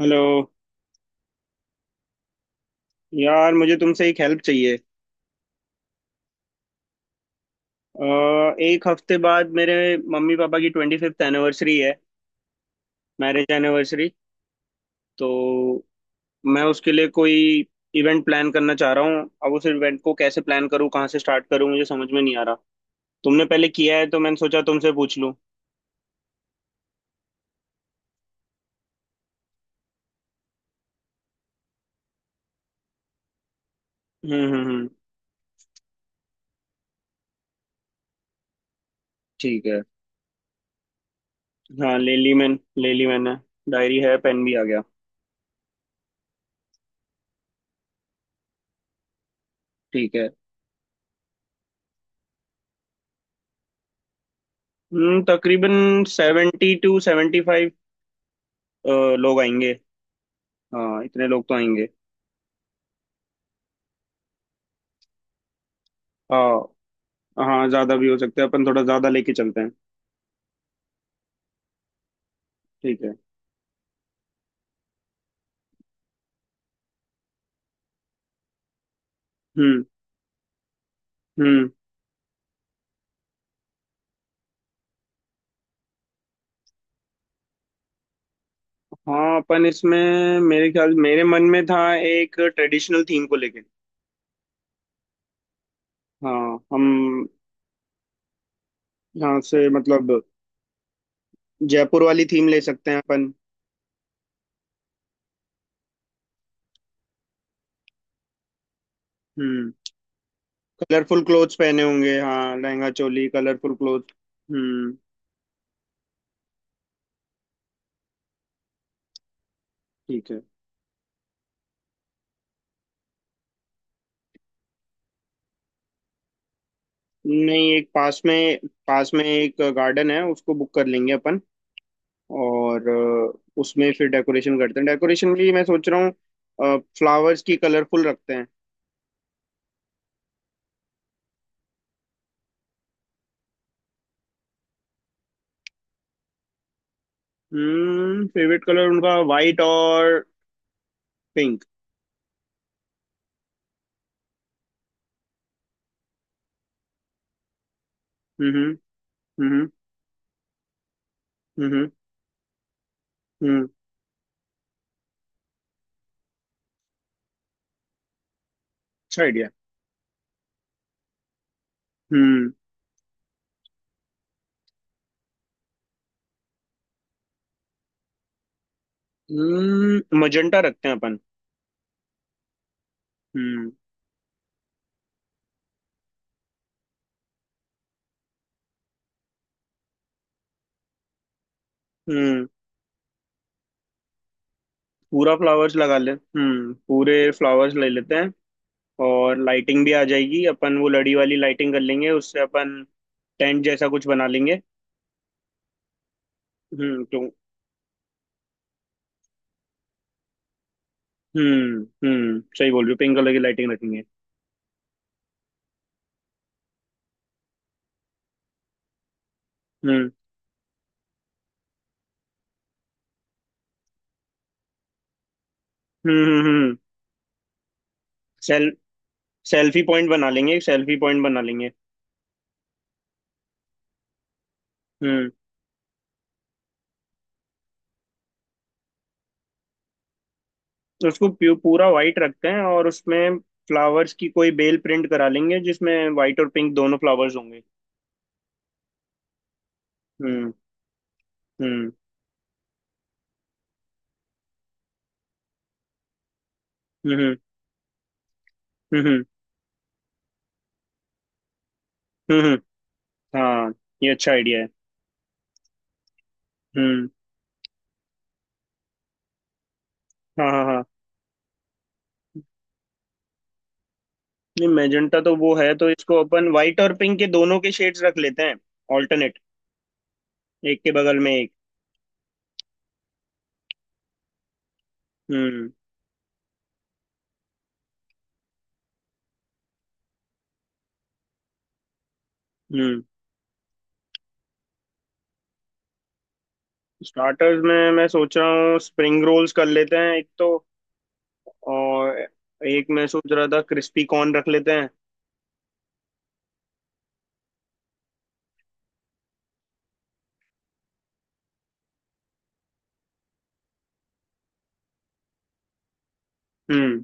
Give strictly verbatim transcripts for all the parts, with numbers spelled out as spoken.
Hello. यार मुझे तुमसे एक हेल्प चाहिए। अ, एक हफ्ते बाद मेरे मम्मी पापा की ट्वेंटी फिफ्थ एनिवर्सरी है, मैरिज एनिवर्सरी। तो मैं उसके लिए कोई इवेंट प्लान करना चाह रहा हूँ। अब उस इवेंट को कैसे प्लान करूँ, कहाँ से स्टार्ट करूँ, मुझे समझ में नहीं आ रहा। तुमने पहले किया है तो मैंने सोचा तुमसे पूछ लूँ। हम्म हम्म हम्म। ठीक है। हाँ ले ली मैंने, ले ली मैंने। डायरी है, पेन भी आ गया। ठीक है। हम्म, तकरीबन सेवेंटी टू सेवेंटी फाइव लोग आएंगे। हाँ, इतने लोग तो आएंगे। हाँ। हाँ, ज्यादा भी हो सकते हैं, अपन थोड़ा ज्यादा लेके चलते हैं। ठीक है। हम्म। हम्म। हाँ अपन इसमें मेरे ख्याल मेरे मन में था एक ट्रेडिशनल थीम को लेके। हाँ। हम। यहाँ से मतलब जयपुर वाली थीम ले सकते हैं अपन। हम्म। कलरफुल क्लोथ्स पहने होंगे, हाँ लहंगा चोली कलरफुल क्लोथ। हम्म। ठीक है। नहीं, एक पास में। पास में एक गार्डन है, उसको बुक कर लेंगे अपन। और अ, उसमें फिर डेकोरेशन करते हैं। डेकोरेशन के लिए मैं सोच रहा हूँ फ्लावर्स की कलरफुल रखते हैं। हम्म, फेवरेट कलर उनका वाइट और पिंक। हम्म हम्म हम्म हम्म। हम्म, अच्छा आइडिया। हम्म। हम्म, मजेंटा रखते हैं अपन। हम्म। हम्म, पूरा फ्लावर्स लगा ले। हम्म, पूरे फ्लावर्स ले लेते हैं। और लाइटिंग भी आ जाएगी, अपन वो लड़ी वाली लाइटिंग कर लेंगे, उससे अपन टेंट जैसा कुछ बना लेंगे। हम्म, तो। हम्म। हम्म, सही बोल रही हो, पिंक कलर की लाइटिंग रखेंगे। हम्म हम्म हम्म हम्म। सेल सेल्फी पॉइंट बना लेंगे, एक सेल्फी पॉइंट बना लेंगे। हम्म, उसको प्यू- पूरा वाइट रखते हैं और उसमें फ्लावर्स की कोई बेल प्रिंट करा लेंगे जिसमें वाइट और पिंक दोनों फ्लावर्स होंगे। हम्म हम्म हम्म हम्म। हम्म, हम्म, हम्म, हम्म, हाँ ये अच्छा आइडिया है। हम्म। हाँ हाँ हाँ। नहीं, मेजेंटा तो वो है, तो इसको अपन व्हाइट और पिंक के दोनों के शेड्स रख लेते हैं, ऑल्टरनेट, एक के बगल में एक। हम्म। हम्म। स्टार्टर्स में मैं सोच रहा हूँ स्प्रिंग रोल्स कर लेते हैं एक तो। और एक मैं सोच रहा था क्रिस्पी कॉर्न रख लेते हैं। हम्म,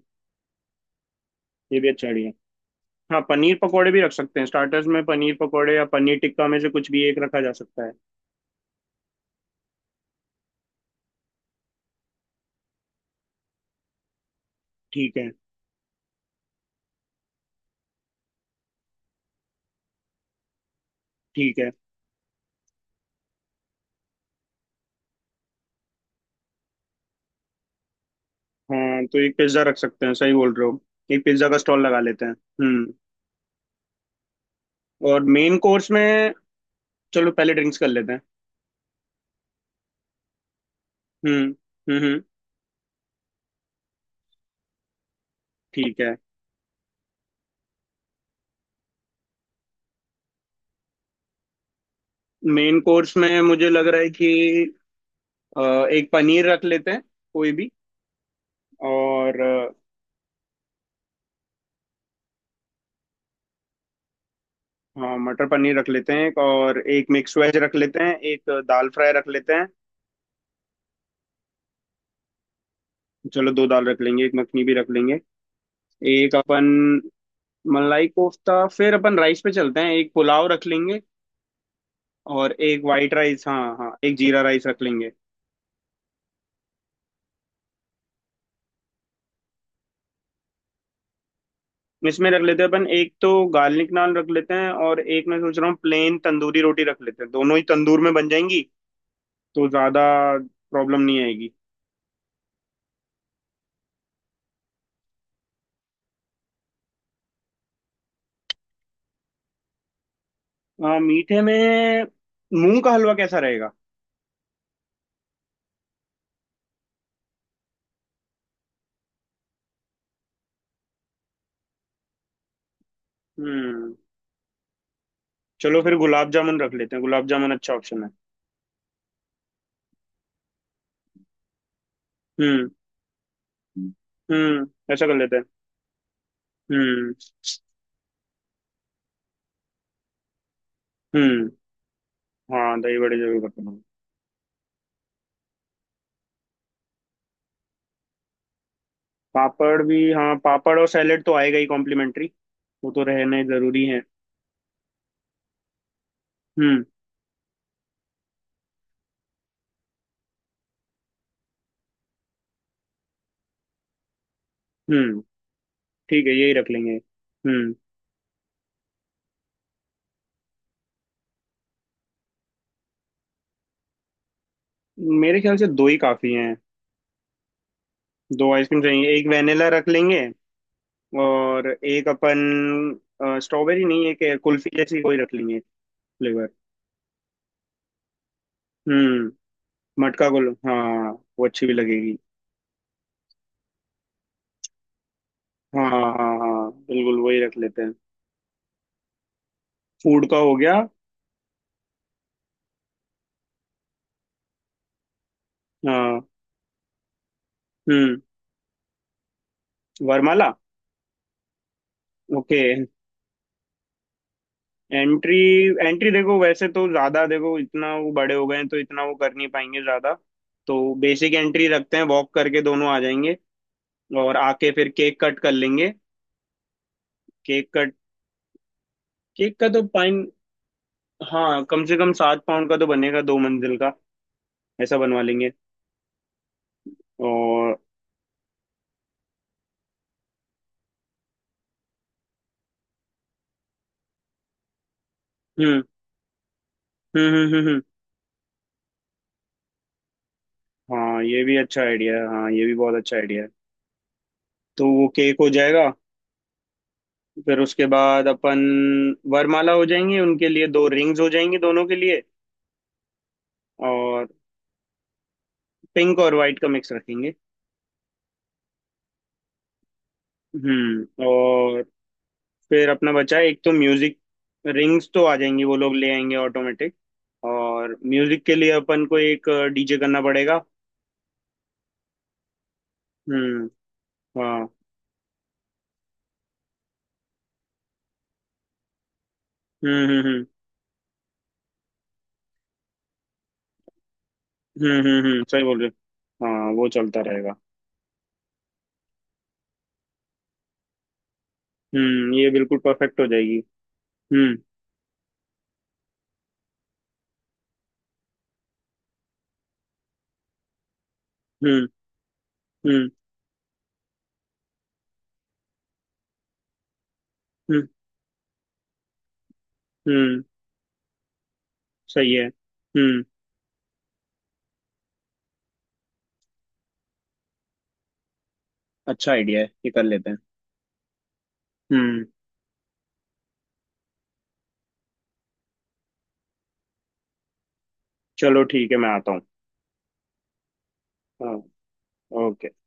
ये भी अच्छा आइडिया। हाँ पनीर पकोड़े भी रख सकते हैं, स्टार्टर्स में पनीर पकोड़े या पनीर टिक्का में से कुछ भी एक रखा जा सकता है। ठीक है। ठीक है। हाँ तो एक पिज्ज़ा रख सकते हैं, सही बोल रहे हो, एक पिज्ज़ा का स्टॉल लगा लेते हैं। हम्म। और मेन कोर्स में, चलो पहले ड्रिंक्स कर लेते हैं। हम्म हम्म हम्म, ठीक है। मेन कोर्स में मुझे लग रहा है कि अ, एक पनीर रख लेते हैं कोई भी। और अ, हाँ मटर पनीर रख लेते हैं एक, और एक मिक्स वेज रख लेते हैं, एक दाल फ्राई रख लेते हैं। चलो दो दाल रख लेंगे, एक मखनी भी रख लेंगे। एक अपन मलाई कोफ्ता। फिर अपन राइस पे चलते हैं, एक पुलाव रख लेंगे। और एक वाइट राइस, हाँ हाँ, एक जीरा राइस रख लेंगे। इसमें रख लेते हैं अपन एक तो गार्लिक नान रख लेते हैं और एक मैं सोच रहा हूँ प्लेन तंदूरी रोटी रख लेते हैं, दोनों ही तंदूर में बन जाएंगी तो ज्यादा प्रॉब्लम नहीं आएगी। हाँ मीठे में मूंग का हलवा कैसा रहेगा? हम्म। चलो फिर गुलाब जामुन रख लेते हैं, गुलाब जामुन अच्छा ऑप्शन है। हम्म। हम्म, ऐसा कर लेते हैं। हम्म। हम्म। हाँ दही बड़े जरूर रखना। पापड़ भी हाँ, पापड़ और सैलेड तो आएगा ही, कॉम्प्लीमेंट्री वो तो रहने जरूरी है। हम्म। हम्म। ठीक है, यही रख लेंगे। हम्म, मेरे ख्याल से दो ही काफी हैं। दो आइसक्रीम चाहिए, एक वेनिला रख लेंगे और एक अपन, स्ट्रॉबेरी नहीं, एक कुल्फी जैसी कोई रख लेंगे, फ्लेवर। हम्म, मटका गुल हाँ, वो अच्छी भी लगेगी। हाँ हाँ हाँ हाँ हाँ, बिल्कुल वही रख लेते हैं। फूड का हो गया। हाँ। हम्म। वरमाला। Okay, entry. एंट्री देखो, वैसे तो ज्यादा देखो, इतना वो बड़े हो गए हैं तो इतना वो कर नहीं पाएंगे ज्यादा। तो बेसिक एंट्री रखते हैं, वॉक करके दोनों आ जाएंगे। और आके फिर केक कट कर लेंगे। Cake cut. केक का तो पाइन हाँ, कम से कम सात पाउंड का तो बनेगा, दो मंजिल का ऐसा बनवा लेंगे। और। हम्म हम्म हम्म हम्म हम्म। हाँ ये भी अच्छा आइडिया है, हाँ ये भी बहुत अच्छा आइडिया है। तो वो केक हो जाएगा। फिर उसके बाद अपन वरमाला हो जाएंगी, उनके लिए दो रिंग्स हो जाएंगी दोनों के लिए। और पिंक और वाइट का मिक्स रखेंगे। हम्म। और फिर अपना बचा है, एक तो म्यूजिक। रिंग्स तो आ जाएंगी वो लोग ले आएंगे ऑटोमेटिक। और म्यूजिक के लिए अपन को एक डी जे करना पड़ेगा। हम्म। हाँ। हम्म हम्म हम्म हम्म हम्म हम्म, सही बोल रहे हो। हाँ वो चलता रहेगा। हम्म, ये बिल्कुल परफेक्ट हो जाएगी। हम्म हम्म हम्म हम्म हम्म। सही है। हम्म। अच्छा आइडिया है, ये कर लेते हैं। हम्म। चलो ठीक है, मैं आता हूँ। हाँ। ओके।